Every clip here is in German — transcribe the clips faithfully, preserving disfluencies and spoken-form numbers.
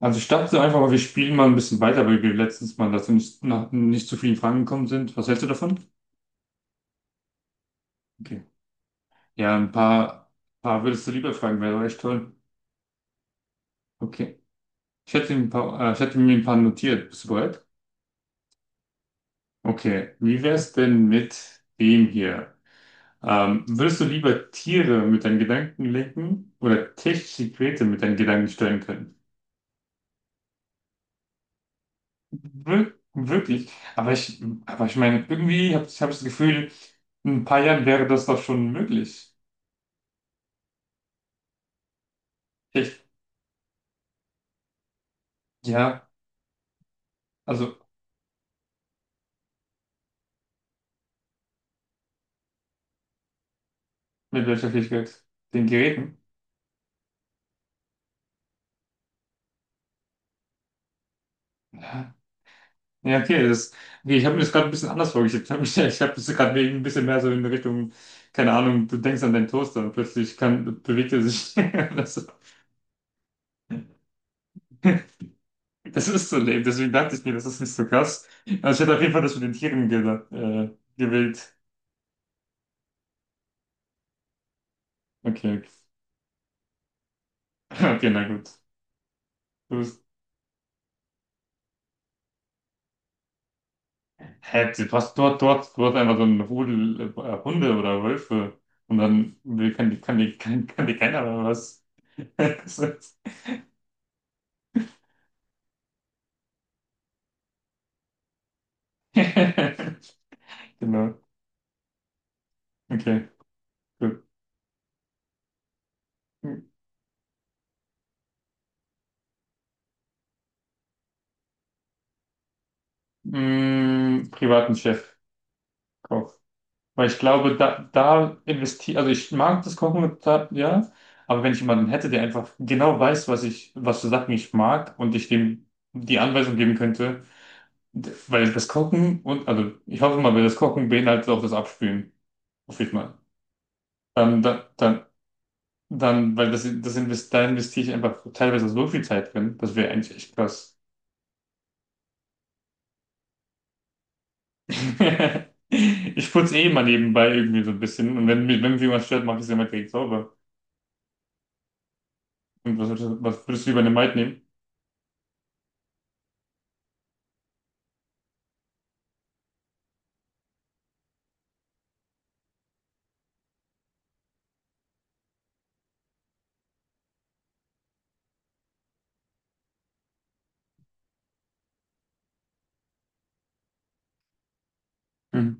Also ich dachte so einfach mal, wir spielen mal ein bisschen weiter, weil wir letztens mal dazu nicht, noch nicht zu vielen Fragen gekommen sind. Was hältst du davon? Okay. Ja, ein paar, paar würdest du lieber fragen, wäre doch echt toll. Okay. Ich hätte mir ein paar, äh, ich hätte mir ein paar notiert. Bist du bereit? Okay. Wie wär's denn mit dem hier? Ähm, würdest du lieber Tiere mit deinen Gedanken lenken oder technische Geräte mit deinen Gedanken steuern können? Wir wirklich. Aber ich, aber ich meine, irgendwie habe ich hab ich das Gefühl, in ein paar Jahren wäre das doch schon möglich. Fähig- Ja, also mit welcher Fähigkeit? Den Geräten? Ja, Ja, okay, das, okay, ich habe mir das gerade ein bisschen anders vorgestellt. Ich habe mich, ich habe das gerade ein bisschen mehr so in Richtung, keine Ahnung, du denkst an deinen Toaster und plötzlich kann, bewegt er sich. Das, das ist so lame, deswegen dachte ich mir, das ist nicht so krass. Also ich hätte auf jeden Fall das mit den Tieren gel- äh, gewählt. Okay, okay, okay, na gut. Du bist, hä, du hast dort, dort, dort einfach so einen Rudel äh, Hunde oder Wölfe und dann will- kann, die- kann, die- kann, kann dir keiner mehr was. Genau. Okay, gut. Mm, privaten Chefkoch. Weil ich glaube, da, da investiere, also ich mag das Kochen, mit Ta- ja, aber wenn ich jemanden hätte, der einfach genau weiß, was ich, was für Sachen ich mag und ich dem die Anweisung geben könnte, d- weil das Kochen und, also ich hoffe mal, weil das Kochen beinhaltet auch das Abspülen, hoffe ich mal. Dann, dann, dann, dann, weil das, das invest, da investiere ich einfach teilweise so viel Zeit drin, das wäre eigentlich echt krass. Ich putze eh mal nebenbei irgendwie so ein bisschen. Und wenn mich, wenn mich irgendwas stört, mache ich es immer direkt sauber. Und was, würdest- was würdest du über eine Maid nehmen? Hm,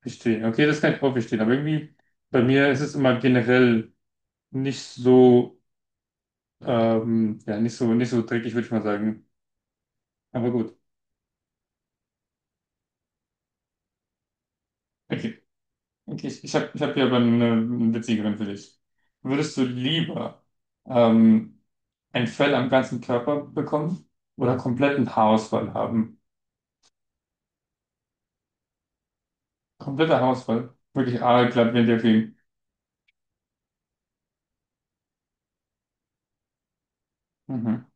verstehe. Okay, das kann ich auch verstehen. Aber irgendwie, bei mir ist es immer generell nicht so, ähm, ja, nicht so, nicht so dreckig, würde ich mal sagen. Aber gut. Okay. Okay, ich, ich habe ich hab hier aber eine, eine witzigeren für dich. Würdest du lieber ähm, ein Fell am ganzen Körper bekommen oder kompletten Haarausfall haben? Kompletter Haarausfall. Wirklich aalglatt, wenn der ging. Mhm.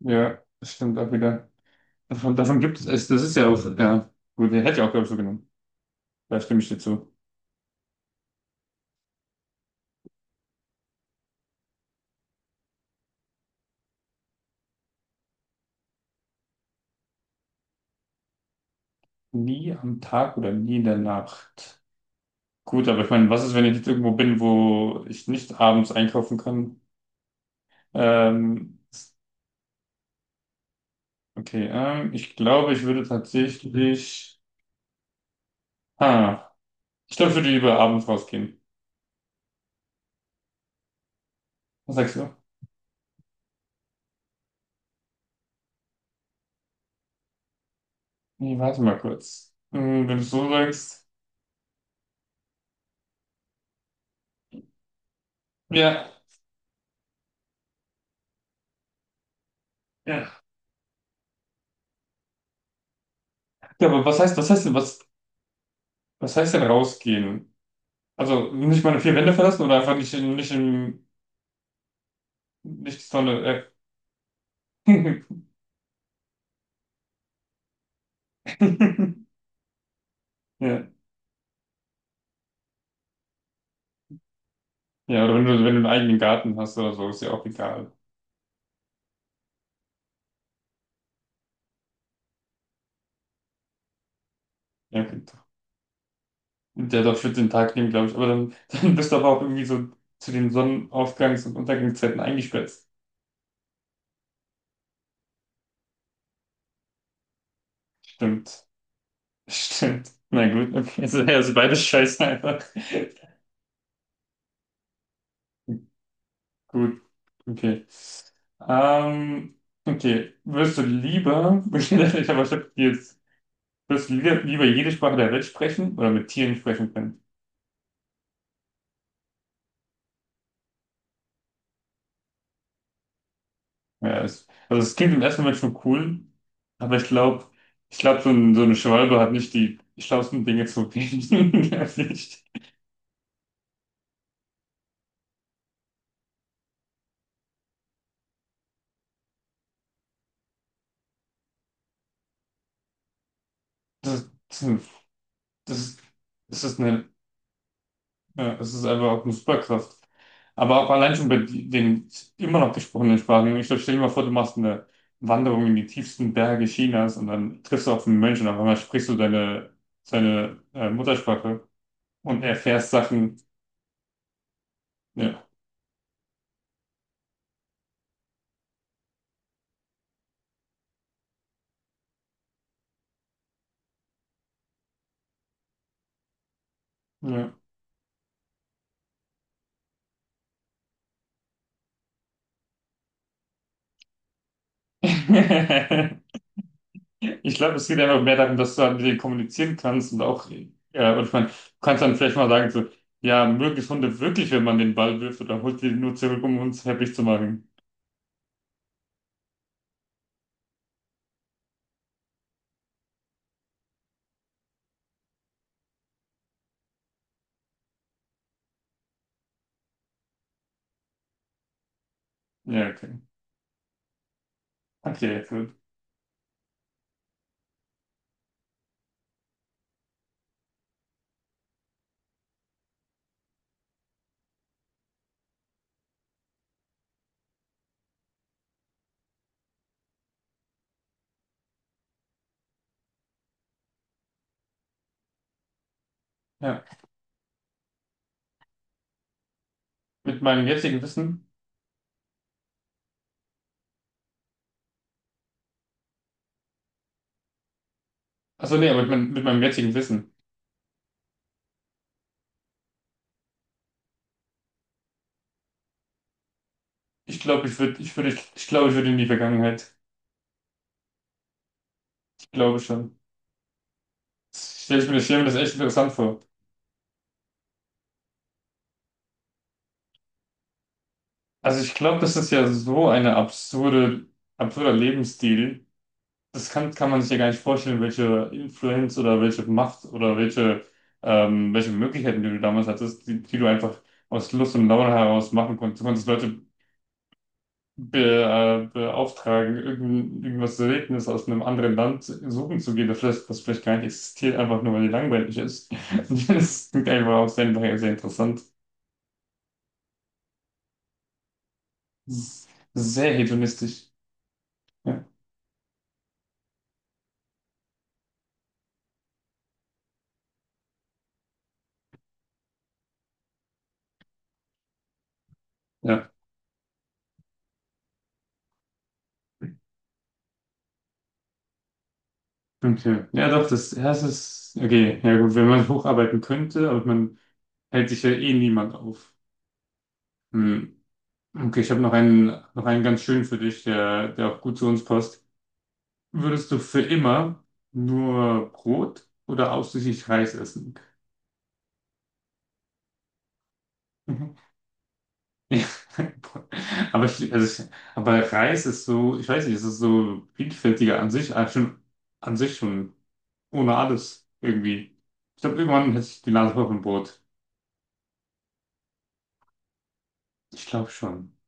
Ja, das stimmt auch wieder. Davon, davon gibt es, es- das ist ja auch, ja, gut, der hätte ich auch, glaube ich, so genommen. Da stimme ich dir zu. Nie am Tag oder nie in der Nacht. Gut, aber ich meine, was ist, wenn ich jetzt irgendwo bin, wo ich nicht abends einkaufen kann? Ähm, okay, ähm, ich glaube, ich würde tatsächlich, ah, ich glaube, ich würde lieber abends rausgehen. Was sagst du? Nee, warte mal kurz. Hm, Wenn du es so sagst, ja. Ja. Ja, aber was heißt, was heißt denn, was, was heißt denn rausgehen? Also nicht meine vier Wände verlassen oder einfach nicht in, nicht in, nicht so eine, äh, ja. Ja, oder wenn du, wenn du einen eigenen Garten hast oder so, ist ja auch egal. Ja, okay. Der darf für den Tag nehmen, glaube ich. Aber dann, dann bist du aber auch irgendwie so zu den Sonnenaufgangs- und Untergangszeiten eingesperrt. Stimmt. Stimmt. Na gut, okay. Also, ja, also beides scheiße einfach. Gut. Okay. Ähm, okay. Würdest du lieber, ich habe ich hab jetzt, würdest du lieber, lieber jede Sprache der Welt sprechen oder mit Tieren sprechen können? Ja, es, also es klingt im ersten Moment schon cool, aber ich glaube, ich glaube, so, ein, so eine Schwalbe hat nicht die schlauesten Dinge zu reden. Ehrlich. Das, das, das, das ist eine Ja, es ist einfach auch eine Superkraft. Aber auch allein schon bei die- den immer noch gesprochenen Sprachen. Ich stell dir mal vor, du machst eine Wanderung in die tiefsten Berge Chinas und dann triffst du auf einen Mönch und auf einmal sprichst du deine, seine äh, Muttersprache und erfährst Sachen. Ja, ja. Ich glaube, es geht einfach mehr darum, dass du halt mit denen kommunizieren kannst und auch, äh, und ich meine, du kannst dann vielleicht mal sagen, so, ja, mögen es Hunde wirklich, wenn man den Ball wirft oder holt die nur zurück, um uns happy zu machen. Ja, okay. Okay, gut. Ja. Mit meinem jetzigen Wissen? Achso, nee, aber mit, mein, mit meinem jetzigen Wissen. Ich glaube, ich würde, ich würde, ich glaube, ich würde in die Vergangenheit. Ich glaube schon. Stell ich stelle mir das, stell mir das echt interessant vor. Also ich glaube, das ist ja so eine absurde, absurder Lebensstil. Das kann, kann man sich ja gar nicht vorstellen, welche Influenz oder welche Macht oder welche, ähm, welche Möglichkeiten, die du damals hattest, die, die du einfach aus Lust und Laune heraus machen konntest. Du konntest Leute be, äh, beauftragen, irgend, irgendwas Seltenes aus einem anderen Land suchen zu gehen, das vielleicht, das vielleicht, gar nicht existiert, einfach nur weil die langweilig ist. Das klingt einfach auch sehr, sehr sehr interessant. Das ist Sehr hedonistisch. Ja, ja, okay. Ja, doch, das, ja, das ist, okay, ja gut, wenn man hocharbeiten könnte, aber man hält sich ja eh niemand auf. Hm. Okay, ich habe noch einen, noch einen ganz schönen für dich, der, der auch gut zu uns passt. Würdest du für immer nur Brot oder ausschließlich Reis essen? Mhm. Ja. Aber, ich, also ich, aber Reis ist so, ich weiß nicht, es ist so vielfältiger an sich, äh, schon, an sich schon ohne alles irgendwie. Ich glaube, irgendwann hätte ich die Nase voll von Brot. Ich glaube schon.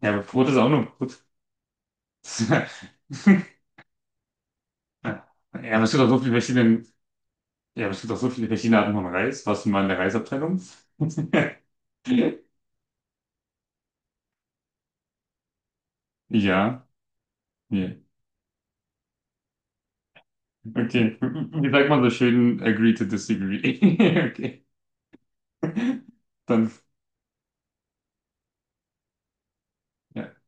Ja, aber Brot ist auch nur Brot. Ja, aber es gibt auch so viele verschiedene, ja, aber es gibt auch so viele verschiedene Arten von Reis. Warst du mal in der Reisabteilung? Ja, ja. Okay. Wie sagt man so schön, agree to disagree? Okay. Dann. ja.